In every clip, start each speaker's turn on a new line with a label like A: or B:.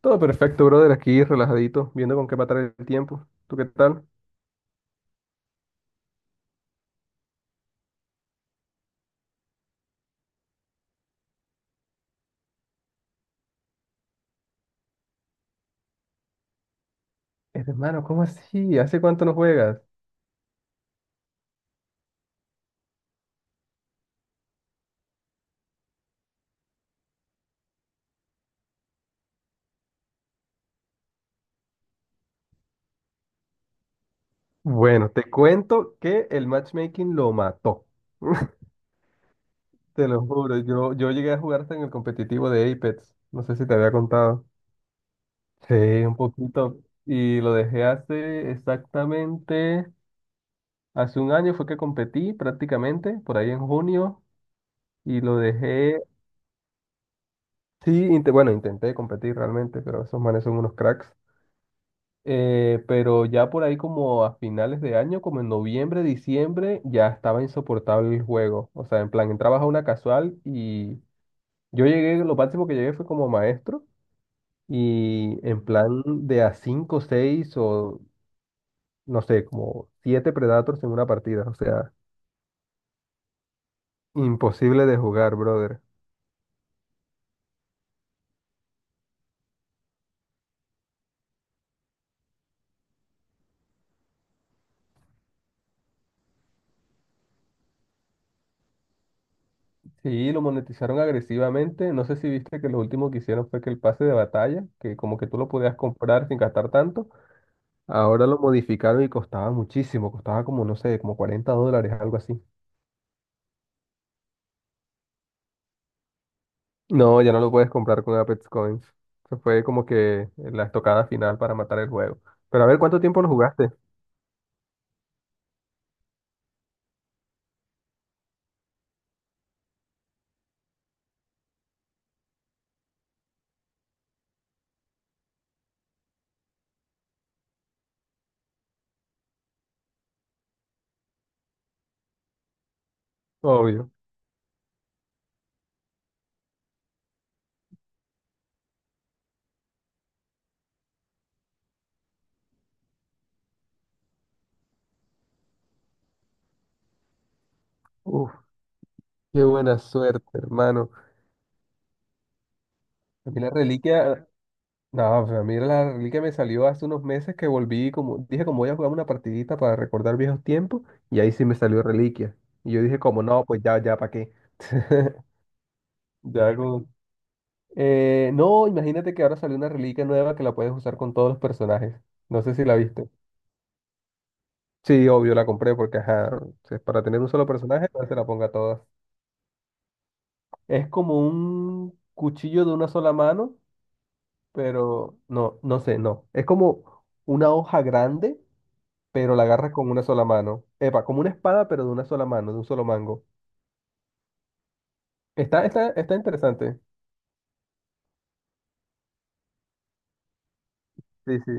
A: Todo perfecto, brother, aquí relajadito, viendo con qué matar el tiempo. ¿Tú qué tal? Es hermano, ¿cómo así? ¿Hace cuánto no juegas? Bueno, te cuento que el matchmaking lo mató. Te lo juro, yo llegué a jugar hasta en el competitivo de Apex. No sé si te había contado. Sí, un poquito. Y lo dejé hace exactamente, hace un año fue que competí prácticamente, por ahí en junio, y lo dejé, sí, bueno, intenté competir realmente, pero esos manes son unos cracks. Pero ya por ahí como a finales de año, como en noviembre, diciembre, ya estaba insoportable el juego. O sea, en plan, entrabas a una casual y yo llegué, lo máximo que llegué fue como maestro y en plan de a 5 6 o no sé, como 7 Predators en una partida. O sea, imposible de jugar, brother. Sí, lo monetizaron agresivamente. No sé si viste que lo último que hicieron fue que el pase de batalla, que como que tú lo podías comprar sin gastar tanto. Ahora lo modificaron y costaba muchísimo, costaba como, no sé, como 40 dólares, algo así. No, ya no lo puedes comprar con Apex Coins. Eso fue como que la estocada final para matar el juego. Pero a ver, ¿cuánto tiempo lo jugaste? Obvio. Uf, qué buena suerte, hermano. A mí la reliquia, no, pues a mí la reliquia me salió hace unos meses que volví, como dije, como voy a jugar una partidita para recordar viejos tiempos, y ahí sí me salió reliquia. Y yo dije, como no, pues ya, ya, ¿para qué? Ya, como no, imagínate que ahora salió una reliquia nueva que la puedes usar con todos los personajes. No sé si la viste. Sí, obvio, la compré porque, ajá, es para tener un solo personaje, no se la ponga a todas. Es como un cuchillo de una sola mano, pero no, no sé, no. Es como una hoja grande, pero la agarras con una sola mano. Epa, como una espada, pero de una sola mano, de un solo mango. Está interesante. Sí, sí.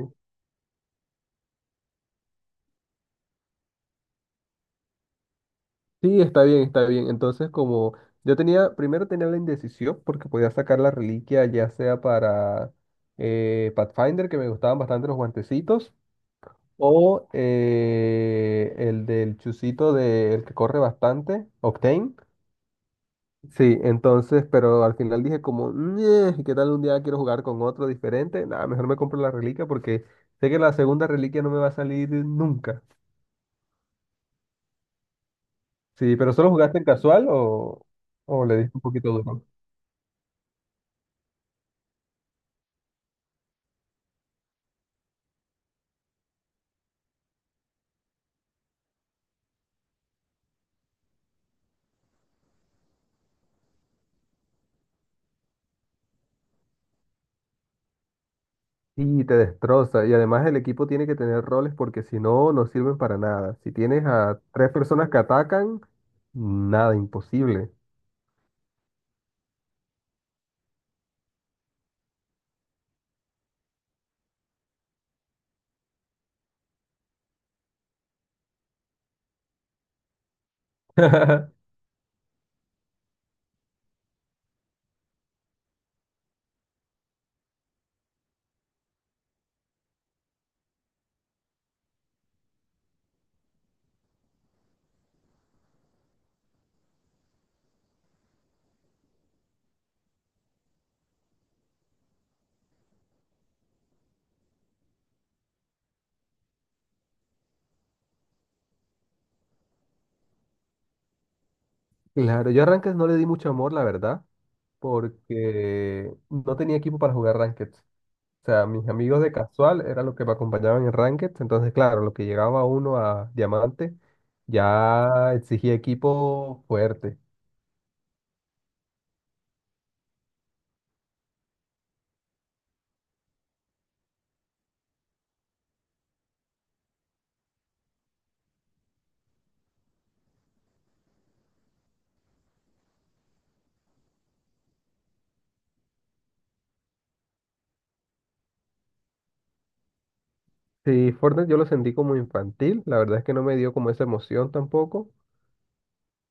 A: Sí, está bien, está bien. Entonces, como yo tenía, primero tenía la indecisión porque podía sacar la reliquia ya sea para Pathfinder, que me gustaban bastante los guantecitos, o el del chusito de, el que corre bastante, Octane. Sí, entonces, pero al final dije como, "Ñe, ¿qué tal un día quiero jugar con otro diferente? Nada, mejor me compro la reliquia porque sé que la segunda reliquia no me va a salir nunca. Sí, pero ¿solo jugaste en casual o le diste un poquito duro? Y te destroza. Y además el equipo tiene que tener roles porque si no, no sirven para nada. Si tienes a tres personas que atacan, nada, imposible. Claro, yo a Ranked no le di mucho amor, la verdad, porque no tenía equipo para jugar Ranked. O sea, mis amigos de casual eran los que me acompañaban en Ranked. Entonces, claro, lo que llegaba uno a Diamante ya exigía equipo fuerte. Sí, Fortnite yo lo sentí como infantil. La verdad es que no me dio como esa emoción tampoco.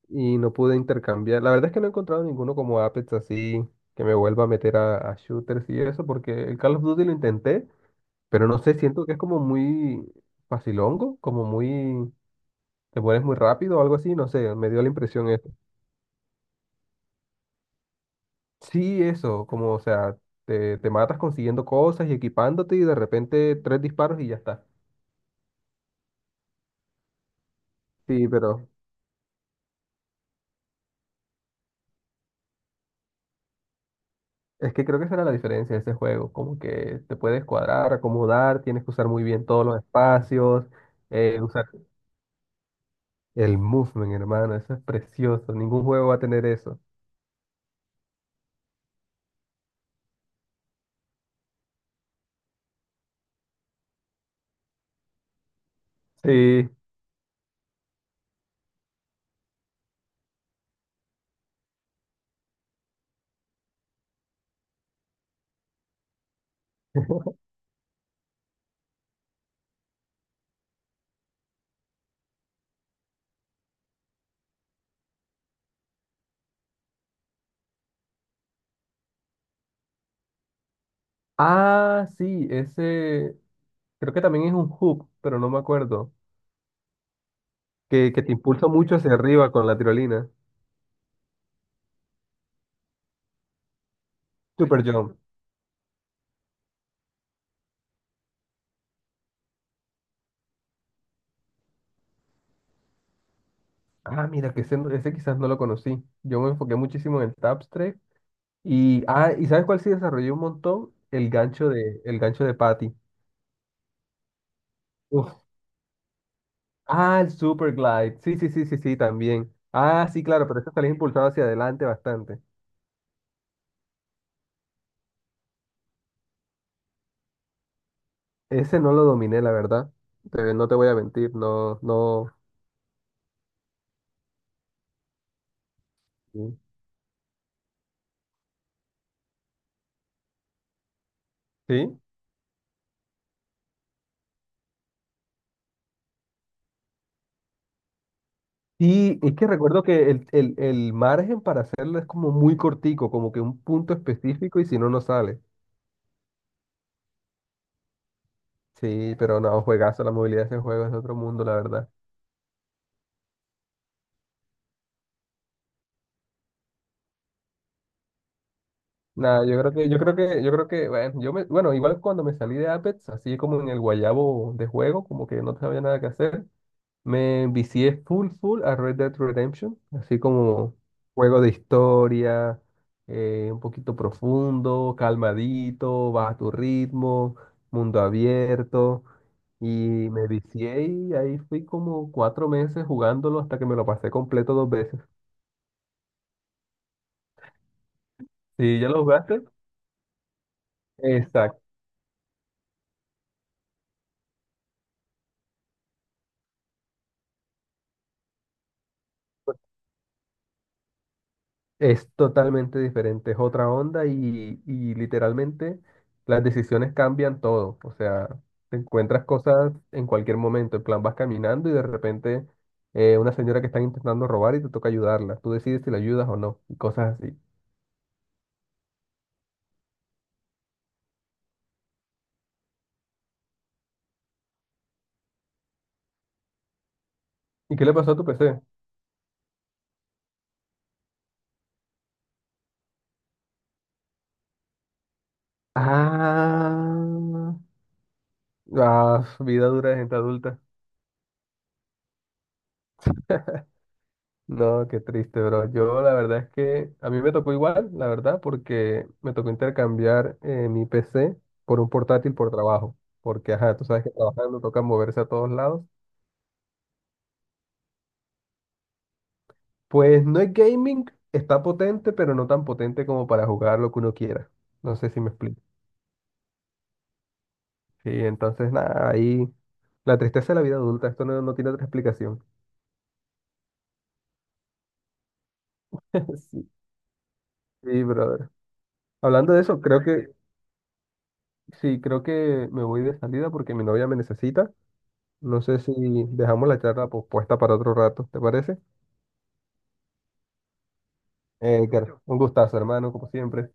A: Y no pude intercambiar. La verdad es que no he encontrado ninguno como Apex así que me vuelva a meter a shooters y eso, porque el Call of Duty lo intenté, pero no sé, siento que es como muy facilongo, como muy, te pones muy rápido o algo así, no sé, me dio la impresión eso. Sí, eso, como, o sea, te matas consiguiendo cosas y equipándote y de repente tres disparos y ya está. Sí, pero es que creo que esa era la diferencia de ese juego, como que te puedes cuadrar, acomodar, tienes que usar muy bien todos los espacios, usar El movement, hermano, eso es precioso. Ningún juego va a tener eso. Sí. Ah, sí, ese creo que también es un hoop, pero no me acuerdo. Que te impulsa mucho hacia arriba con la tirolina. Super Jump. Ah, mira, que ese, ese quizás no lo conocí. Yo me enfoqué muchísimo en el Tapstrike. Y, ah, ¿y sabes cuál sí desarrolló un montón? El gancho de Patty. Uf. Ah, el Super Glide. Sí, sí, sí, sí, sí, también. Ah, sí, claro, pero este salís impulsado hacia adelante bastante. Ese no lo dominé, la verdad. No te voy a mentir, no, no. Sí. Sí, y es que recuerdo que el margen para hacerlo es como muy cortico, como que un punto específico y si no, no sale. Sí, pero no, juegazo, la movilidad de ese juego es de otro mundo, la verdad. Nada, yo creo que, bueno, yo me, bueno, igual cuando me salí de Apex, así como en el guayabo de juego, como que no sabía nada que hacer, me vicié full full a Red Dead Redemption, así como juego de historia, un poquito profundo, calmadito, baja tu ritmo, mundo abierto. Y me vicié y ahí fui como cuatro meses jugándolo hasta que me lo pasé completo dos veces. ¿Sí ya lo jugaste? Exacto. Es totalmente diferente, es otra onda y literalmente las decisiones cambian todo. O sea, te encuentras cosas en cualquier momento. En plan, vas caminando y de repente una señora que están intentando robar y te toca ayudarla. Tú decides si la ayudas o no y cosas así. ¿Y qué le pasó a tu PC? Ah, ah, vida dura de gente adulta. No, qué triste, bro. Yo la verdad es que a mí me tocó igual, la verdad, porque me tocó intercambiar mi PC por un portátil por trabajo, porque, ajá, tú sabes que trabajando toca moverse a todos lados. Pues no es gaming, está potente, pero no tan potente como para jugar lo que uno quiera. No sé si me explico. Sí, entonces, nada, ahí la tristeza de la vida adulta, esto no, no tiene otra explicación. Sí, sí, brother. Hablando de eso, creo que, sí, creo que me voy de salida porque mi novia me necesita. No sé si dejamos la charla pospuesta para otro rato, ¿te parece? Edgar, un gustazo, hermano, como siempre.